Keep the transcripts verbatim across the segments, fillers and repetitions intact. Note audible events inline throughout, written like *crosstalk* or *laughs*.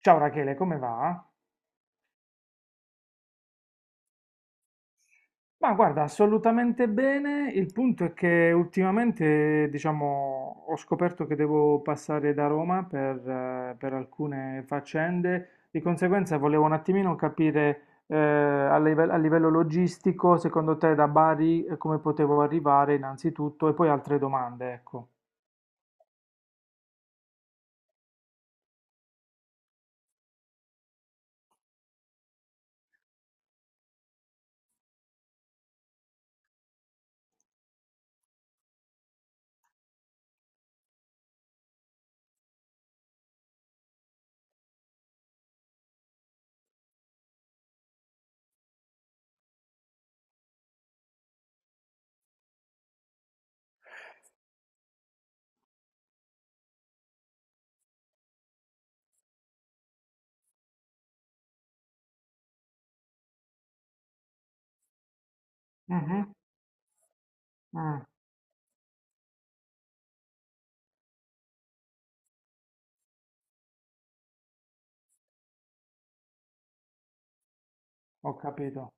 Ciao Rachele, come va? Ma guarda, assolutamente bene. Il punto è che ultimamente, diciamo, ho scoperto che devo passare da Roma per, eh, per alcune faccende. Di conseguenza volevo un attimino capire, eh, a live- a livello logistico, secondo te da Bari, eh, come potevo arrivare innanzitutto e poi altre domande, ecco. Mhm. mm, Ho capito.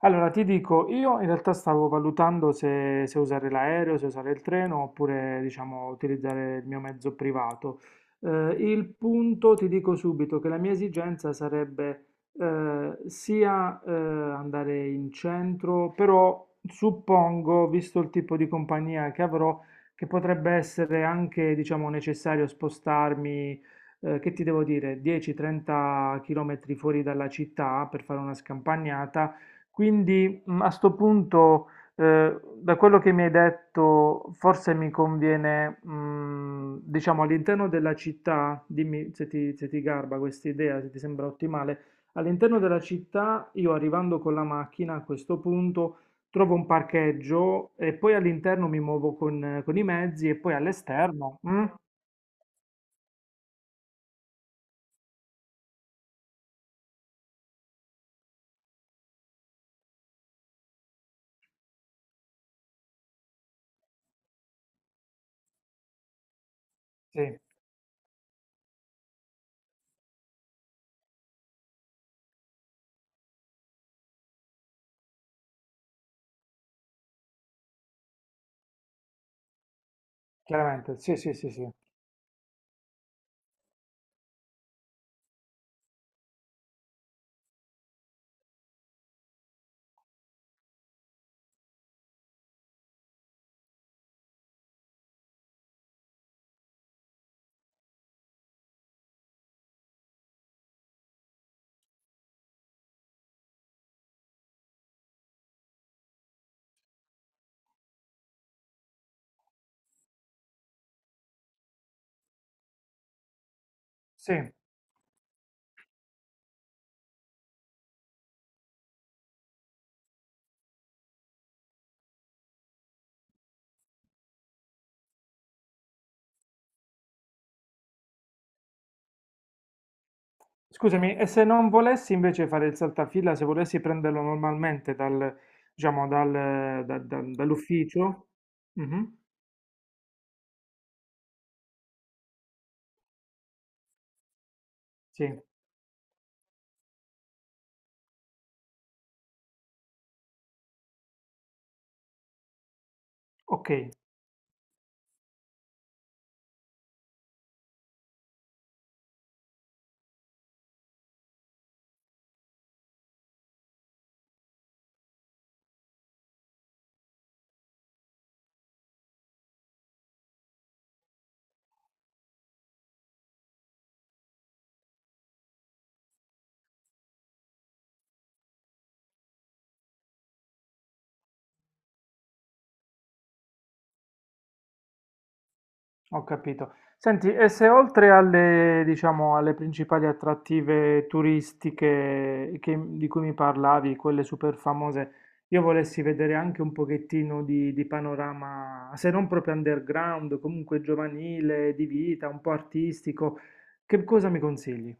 Allora, ti dico, io in realtà stavo valutando se, se usare l'aereo, se usare il treno oppure, diciamo, utilizzare il mio mezzo privato. Eh, il punto, ti dico subito, che la mia esigenza sarebbe eh, sia eh, andare in centro, però suppongo, visto il tipo di compagnia che avrò, che potrebbe essere anche, diciamo, necessario spostarmi, eh, che ti devo dire, dieci trenta km fuori dalla città per fare una scampagnata. Quindi, mm, a sto punto, eh, da quello che mi hai detto, forse mi conviene, mm, diciamo, all'interno della città. Dimmi se ti, se ti garba questa idea, se ti sembra ottimale. All'interno della città, io arrivando con la macchina a questo punto, trovo un parcheggio e poi all'interno mi muovo con, con i mezzi e poi all'esterno. Mm? Sì, chiaramente, sì, sì, sì, sì. Sì. Scusami, e se non volessi invece fare il saltafila, se volessi prenderlo normalmente dal, diciamo, dal, da- da- dall'ufficio? Mhm. Sì, ok, ho capito. Senti, e se oltre alle, diciamo, alle principali attrattive turistiche che- di cui mi parlavi, quelle super famose, io volessi vedere anche un pochettino di, di panorama, se non proprio underground, comunque giovanile, di vita, un po' artistico, che cosa mi consigli?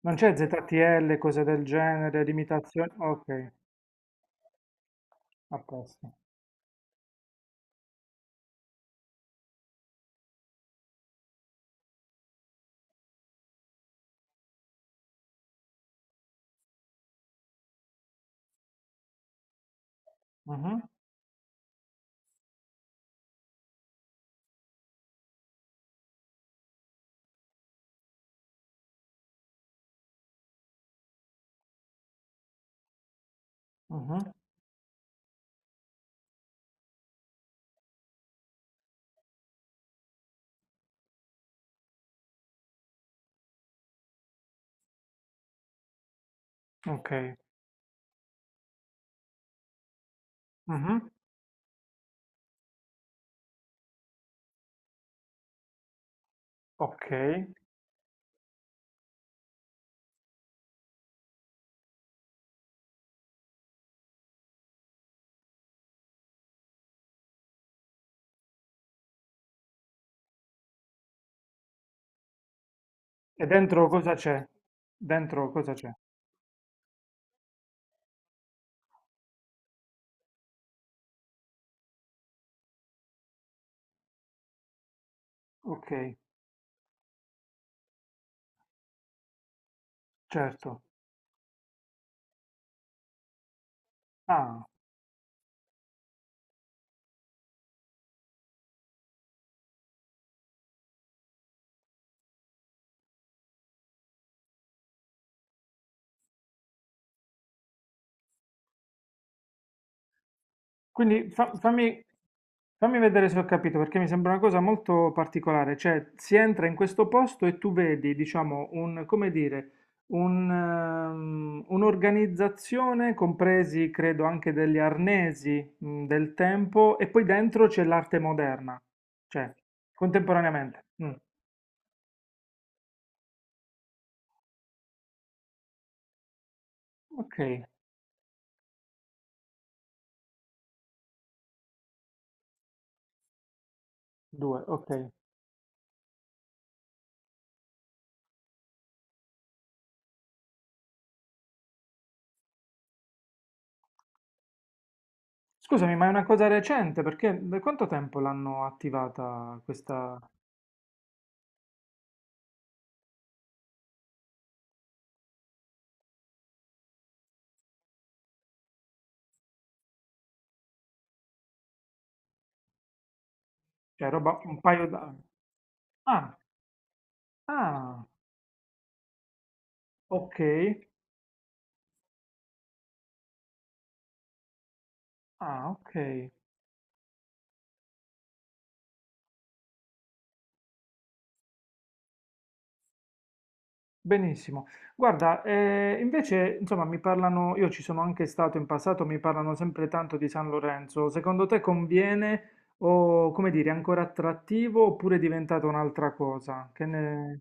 Non c'è Z T L, cose del genere, limitazioni? Ok, a posto. Mhm, mhm. Ok, mhm, ok. E dentro cosa c'è? Dentro cosa c'è? Ok, certo. Ah, quindi fa- fammi, fammi vedere se ho capito, perché mi sembra una cosa molto particolare, cioè si entra in questo posto e tu vedi, diciamo, un, come dire, un, ehm, un'organizzazione, compresi credo anche degli arnesi, mh, del tempo, e poi dentro c'è l'arte moderna, cioè contemporaneamente. Mm. Ok, due, ok. Scusami, ma è una cosa recente, perché da quanto tempo l'hanno attivata questa, cioè roba, un paio d'anni? Ah, ah, ok. Ah, ok, benissimo. Guarda, eh, invece, insomma, mi parlano, io ci sono anche stato in passato, mi parlano sempre tanto di San Lorenzo. Secondo te conviene o, come dire, è ancora attrattivo oppure è diventata un'altra cosa? Che ne...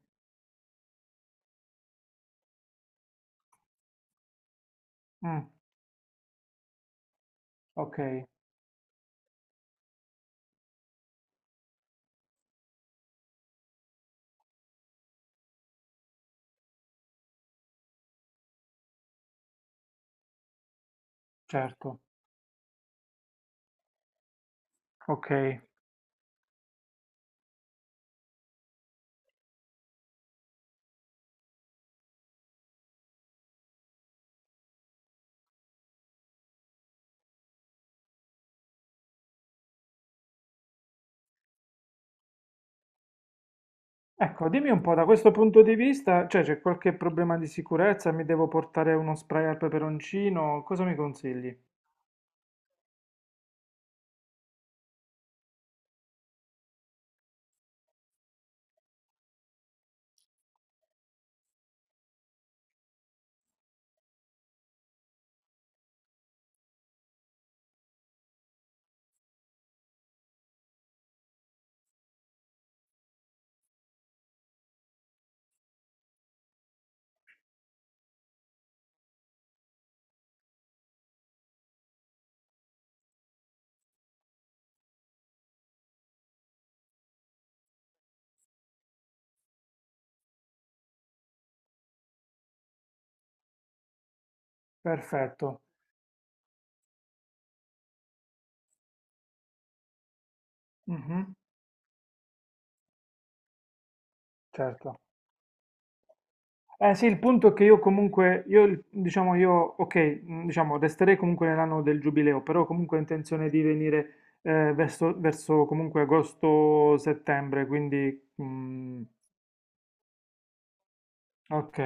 Mm, ok, certo, ok. Ecco, dimmi un po', da questo punto di vista, cioè c'è qualche problema di sicurezza? Mi devo portare uno spray al peperoncino? Cosa mi consigli? Perfetto. Mhm, certo. Eh sì, il punto è che io comunque, io, il- diciamo, io, ok, mm, diciamo, resterei comunque nell'anno del giubileo, però comunque ho intenzione di venire eh, verso, verso comunque agosto-settembre, quindi, mm, ok,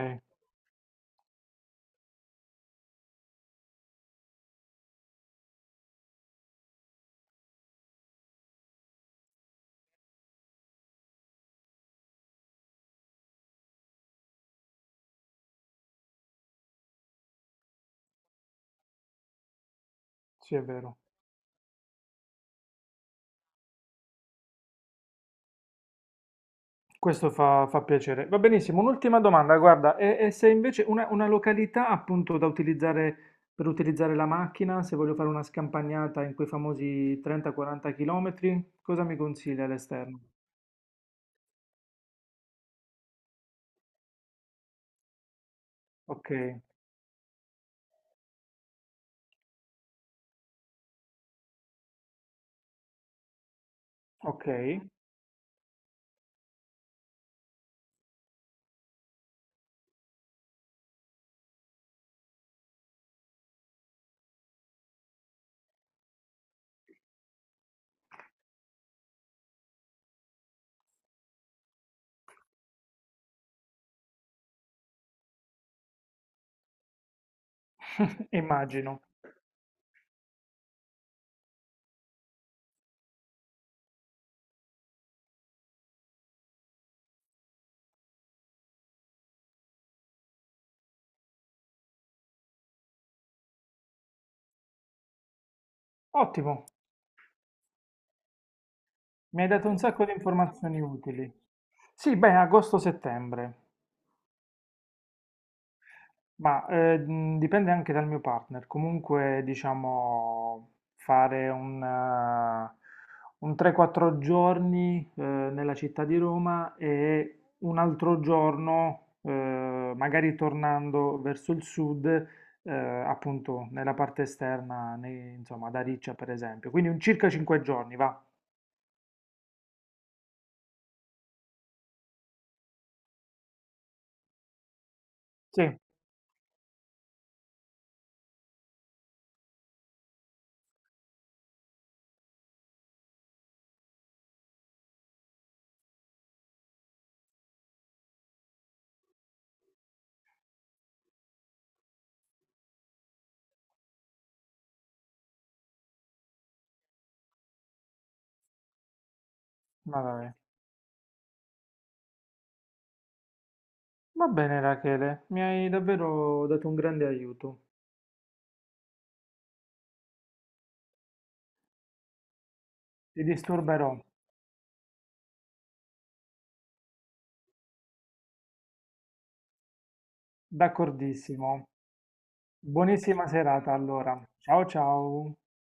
sì, è vero. Questo fa, fa piacere. Va benissimo, un'ultima domanda, guarda, e, e se invece una, una, località appunto da utilizzare per utilizzare la macchina, se voglio fare una scampagnata in quei famosi trenta quaranta km, cosa mi consiglia all'esterno? Ok, ok. *laughs* Immagino. Ottimo, mi hai dato un sacco di informazioni utili. Sì, beh, agosto-settembre, ma eh, mh, dipende anche dal mio partner. Comunque, diciamo, fare un, eh, un tre quattro giorni eh, nella città di Roma e un altro giorno, eh, magari tornando verso il sud, eh, appunto, nella parte esterna, nei- insomma, ad Ariccia, per esempio. Quindi un circa cinque giorni, va. Sì, va bene. Va bene, Rachele, mi hai davvero dato un grande aiuto. Ti disturberò, d'accordissimo. Buonissima serata allora. Ciao ciao.